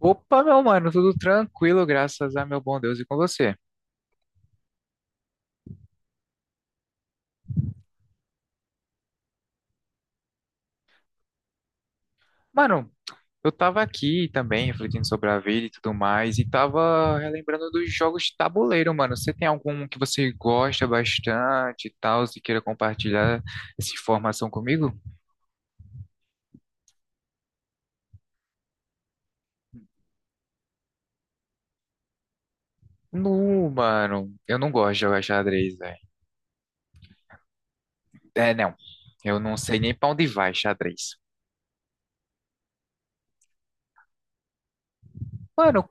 Opa, meu mano, tudo tranquilo, graças a meu bom Deus e com você. Mano, eu tava aqui também refletindo sobre a vida e tudo mais, e tava relembrando dos jogos de tabuleiro, mano. Você tem algum que você gosta bastante e tal, se queira compartilhar essa informação comigo? Não, mano, eu não gosto de jogar xadrez, velho. É, não, eu não sei nem pra onde vai xadrez. Mano,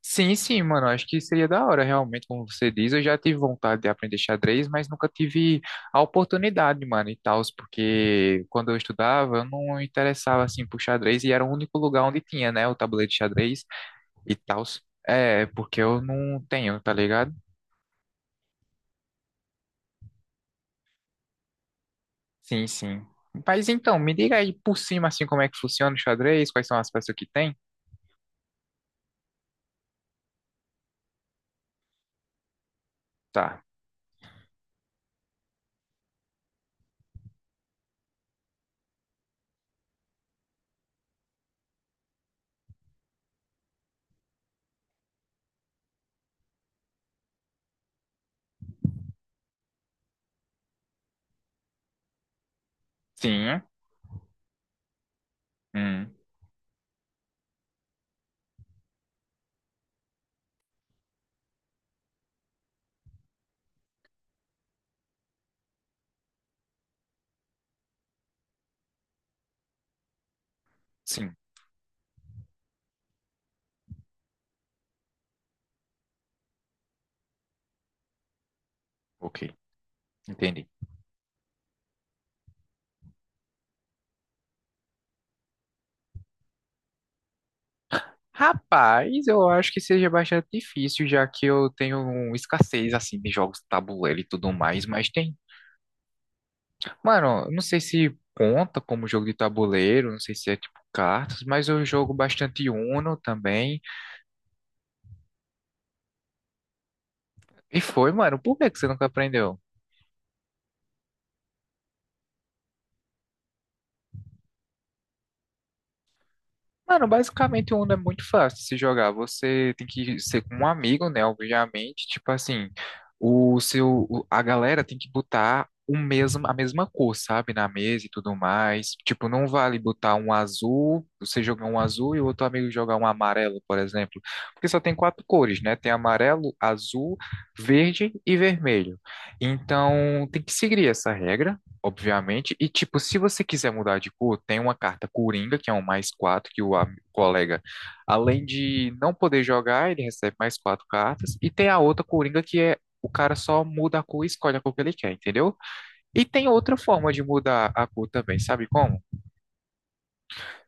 sim, sim, mano, acho que seria da hora, realmente, como você diz. Eu já tive vontade de aprender xadrez, mas nunca tive a oportunidade, mano, e tal, porque quando eu estudava, eu não interessava, assim, por xadrez, e era o único lugar onde tinha, né, o tabuleiro de xadrez e tal. É, porque eu não tenho, tá ligado? Sim, sim. Mas então, me diga aí por cima, assim, como é que funciona o xadrez, quais são as peças que tem? Tá. Sim. Hum. Sim. Ok. Entendi. Rapaz, eu acho que seja bastante difícil, já que eu tenho um escassez assim de jogos de tabuleiro e tudo mais, mas tem. Mano, eu não sei se conta como jogo de tabuleiro, não sei se é tipo cartas, mas eu jogo bastante Uno também. E foi, mano, por que que você nunca aprendeu? Mano, basicamente o Uno é muito fácil de se jogar. Você tem que ser com um amigo, né? Obviamente, tipo assim, a galera tem que botar o mesmo, a mesma cor, sabe? Na mesa e tudo mais. Tipo, não vale botar um azul, você jogar um azul e o outro amigo jogar um amarelo, por exemplo. Porque só tem quatro cores, né? Tem amarelo, azul, verde e vermelho. Então, tem que seguir essa regra obviamente. E, tipo, se você quiser mudar de cor, tem uma carta Coringa, que é um mais quatro que o colega, além de não poder jogar, ele recebe mais quatro cartas. E tem a outra Coringa, que é o cara só muda a cor e escolhe a cor que ele quer, entendeu? E tem outra forma de mudar a cor também, sabe como?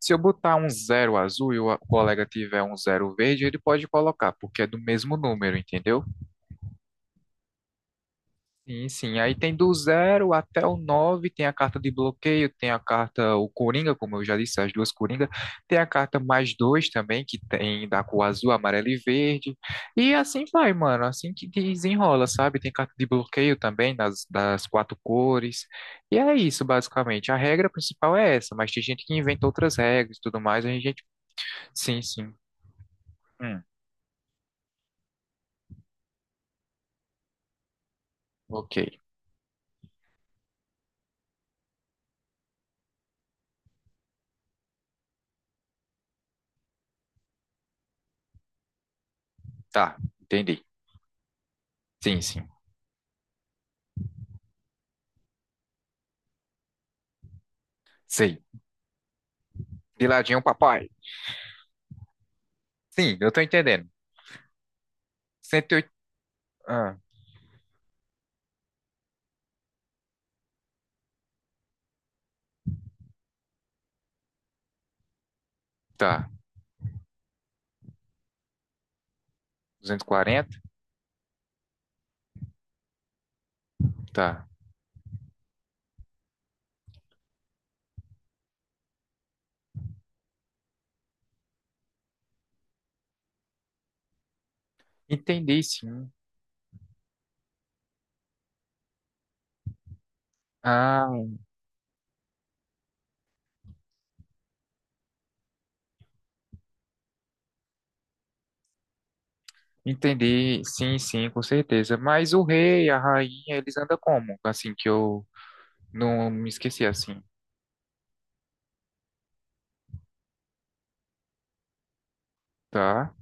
Se eu botar um zero azul e o o colega tiver um zero verde, ele pode colocar, porque é do mesmo número, entendeu? Sim, sim. Aí tem do zero até o nove, tem a carta de bloqueio, tem a carta, o Coringa, como eu já disse, as duas Coringa. Tem a carta mais dois também, que tem da cor azul, amarelo e verde. E assim vai, mano, assim que desenrola, sabe? Tem carta de bloqueio também, das quatro cores. E é isso, basicamente. A regra principal é essa, mas tem gente que inventa outras regras e tudo mais. A gente... Sim, sim. Hum, ok. Tá, entendi. Sim, sim. Sei. De ladinho, papai. Sim, eu tô entendendo. Ah, tá. 240. Tá. Entendi, sim. Ah, entendi. Sim, sim, com certeza. Mas o rei, a rainha, eles andam como? Assim que eu não me esqueci assim, tá?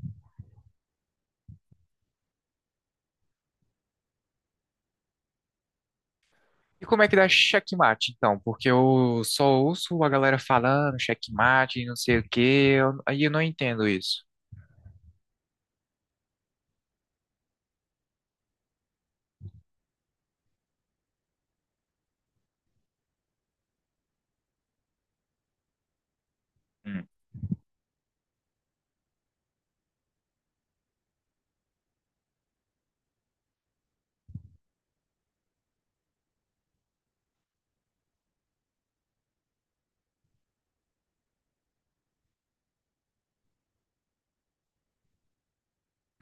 E como é que dá checkmate, então? Porque eu só ouço a galera falando checkmate, não sei o quê. Aí eu não entendo isso. Hum,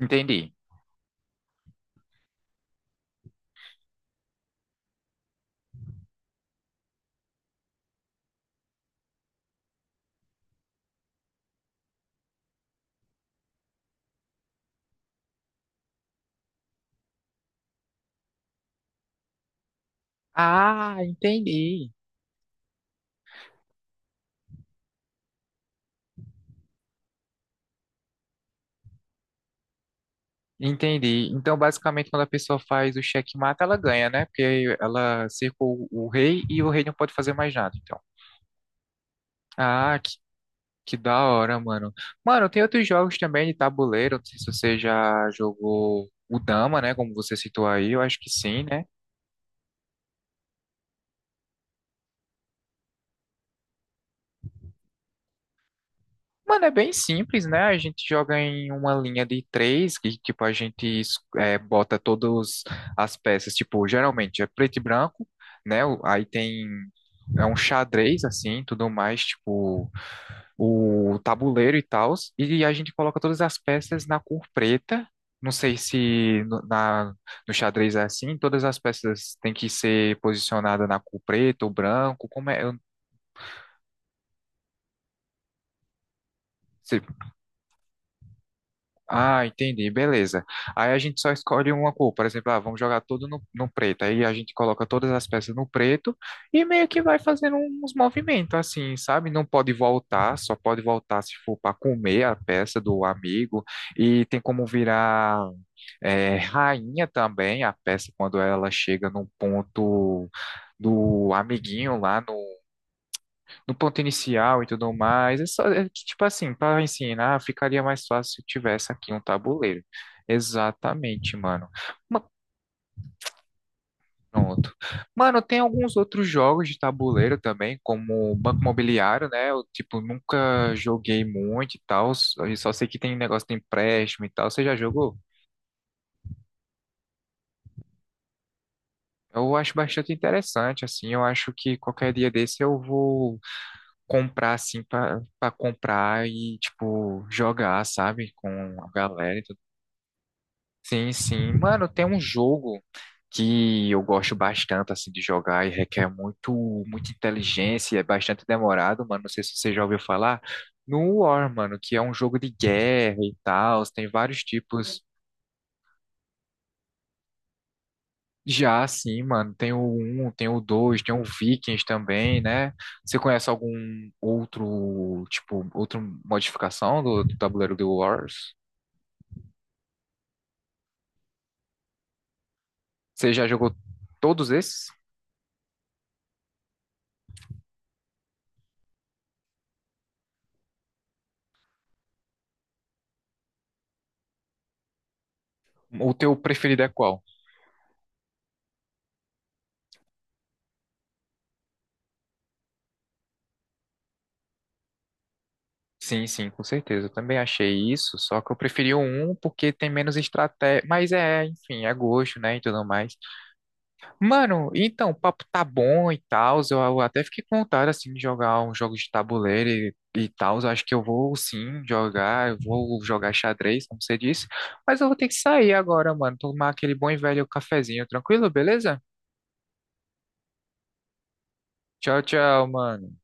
entendi. Ah, entendi. Entendi. Então, basicamente, quando a pessoa faz o checkmate, ela ganha, né? Porque ela cercou o rei e o rei não pode fazer mais nada, então. Ah, que da hora, mano. Mano, tem outros jogos também de tabuleiro. Não sei se você já jogou o Dama, né? Como você citou aí, eu acho que sim, né? Mano, é bem simples, né? A gente joga em uma linha de três, que tipo a gente é, bota todas as peças, tipo, geralmente é preto e branco, né? O- Aí tem é um xadrez assim, tudo mais, tipo o tabuleiro e tal, e a gente coloca todas as peças na cor preta. Não sei se no xadrez é assim, todas as peças têm que ser posicionadas na cor preta ou branco, como é? Eu, Ah, entendi, beleza. Aí a gente só escolhe uma cor, por exemplo, ah, vamos jogar tudo no preto. Aí a gente coloca todas as peças no preto e meio que vai fazendo uns movimentos assim, sabe? Não pode voltar, só pode voltar se for para comer a peça do amigo. E tem como virar é, rainha também a peça quando ela chega no ponto do amiguinho lá no ponto inicial e tudo mais. É só, é que, tipo assim, para ensinar, ficaria mais fácil se tivesse aqui um tabuleiro. Exatamente, mano. Ma- Pronto. Mano, tem alguns outros jogos de tabuleiro também, como Banco Imobiliário, né? Eu, tipo, nunca joguei muito e tal. Eu só sei que tem negócio de empréstimo e tal. Você já jogou? Eu acho bastante interessante, assim. Eu acho que qualquer dia desse eu vou comprar, assim, pra comprar e, tipo, jogar, sabe? Com a galera. Sim, sim. Mano, tem um jogo que eu gosto bastante assim de jogar e requer muito muita inteligência, e é bastante demorado, mano. Não sei se você já ouviu falar. No War, mano, que é um jogo de guerra e tal, tem vários tipos. Já assim, mano, tem o um, tem o dois, tem o Vikings também, né? Você conhece algum outro, tipo, outra modificação do tabuleiro do Wars? Você já jogou todos esses? O teu preferido é qual? Sim, sim, com certeza. Eu também achei isso, só que eu preferi o um porque tem menos estratégia. Mas é, enfim, é gosto, né? E tudo mais. Mano, então, o papo tá bom e tal. Eu até fiquei com vontade, assim, de jogar uns jogos de tabuleiro e tal. Eu acho que eu vou sim jogar, eu vou jogar xadrez, como você disse. Mas eu vou ter que sair agora, mano. Tomar aquele bom e velho cafezinho, tranquilo? Beleza? Tchau, tchau, mano.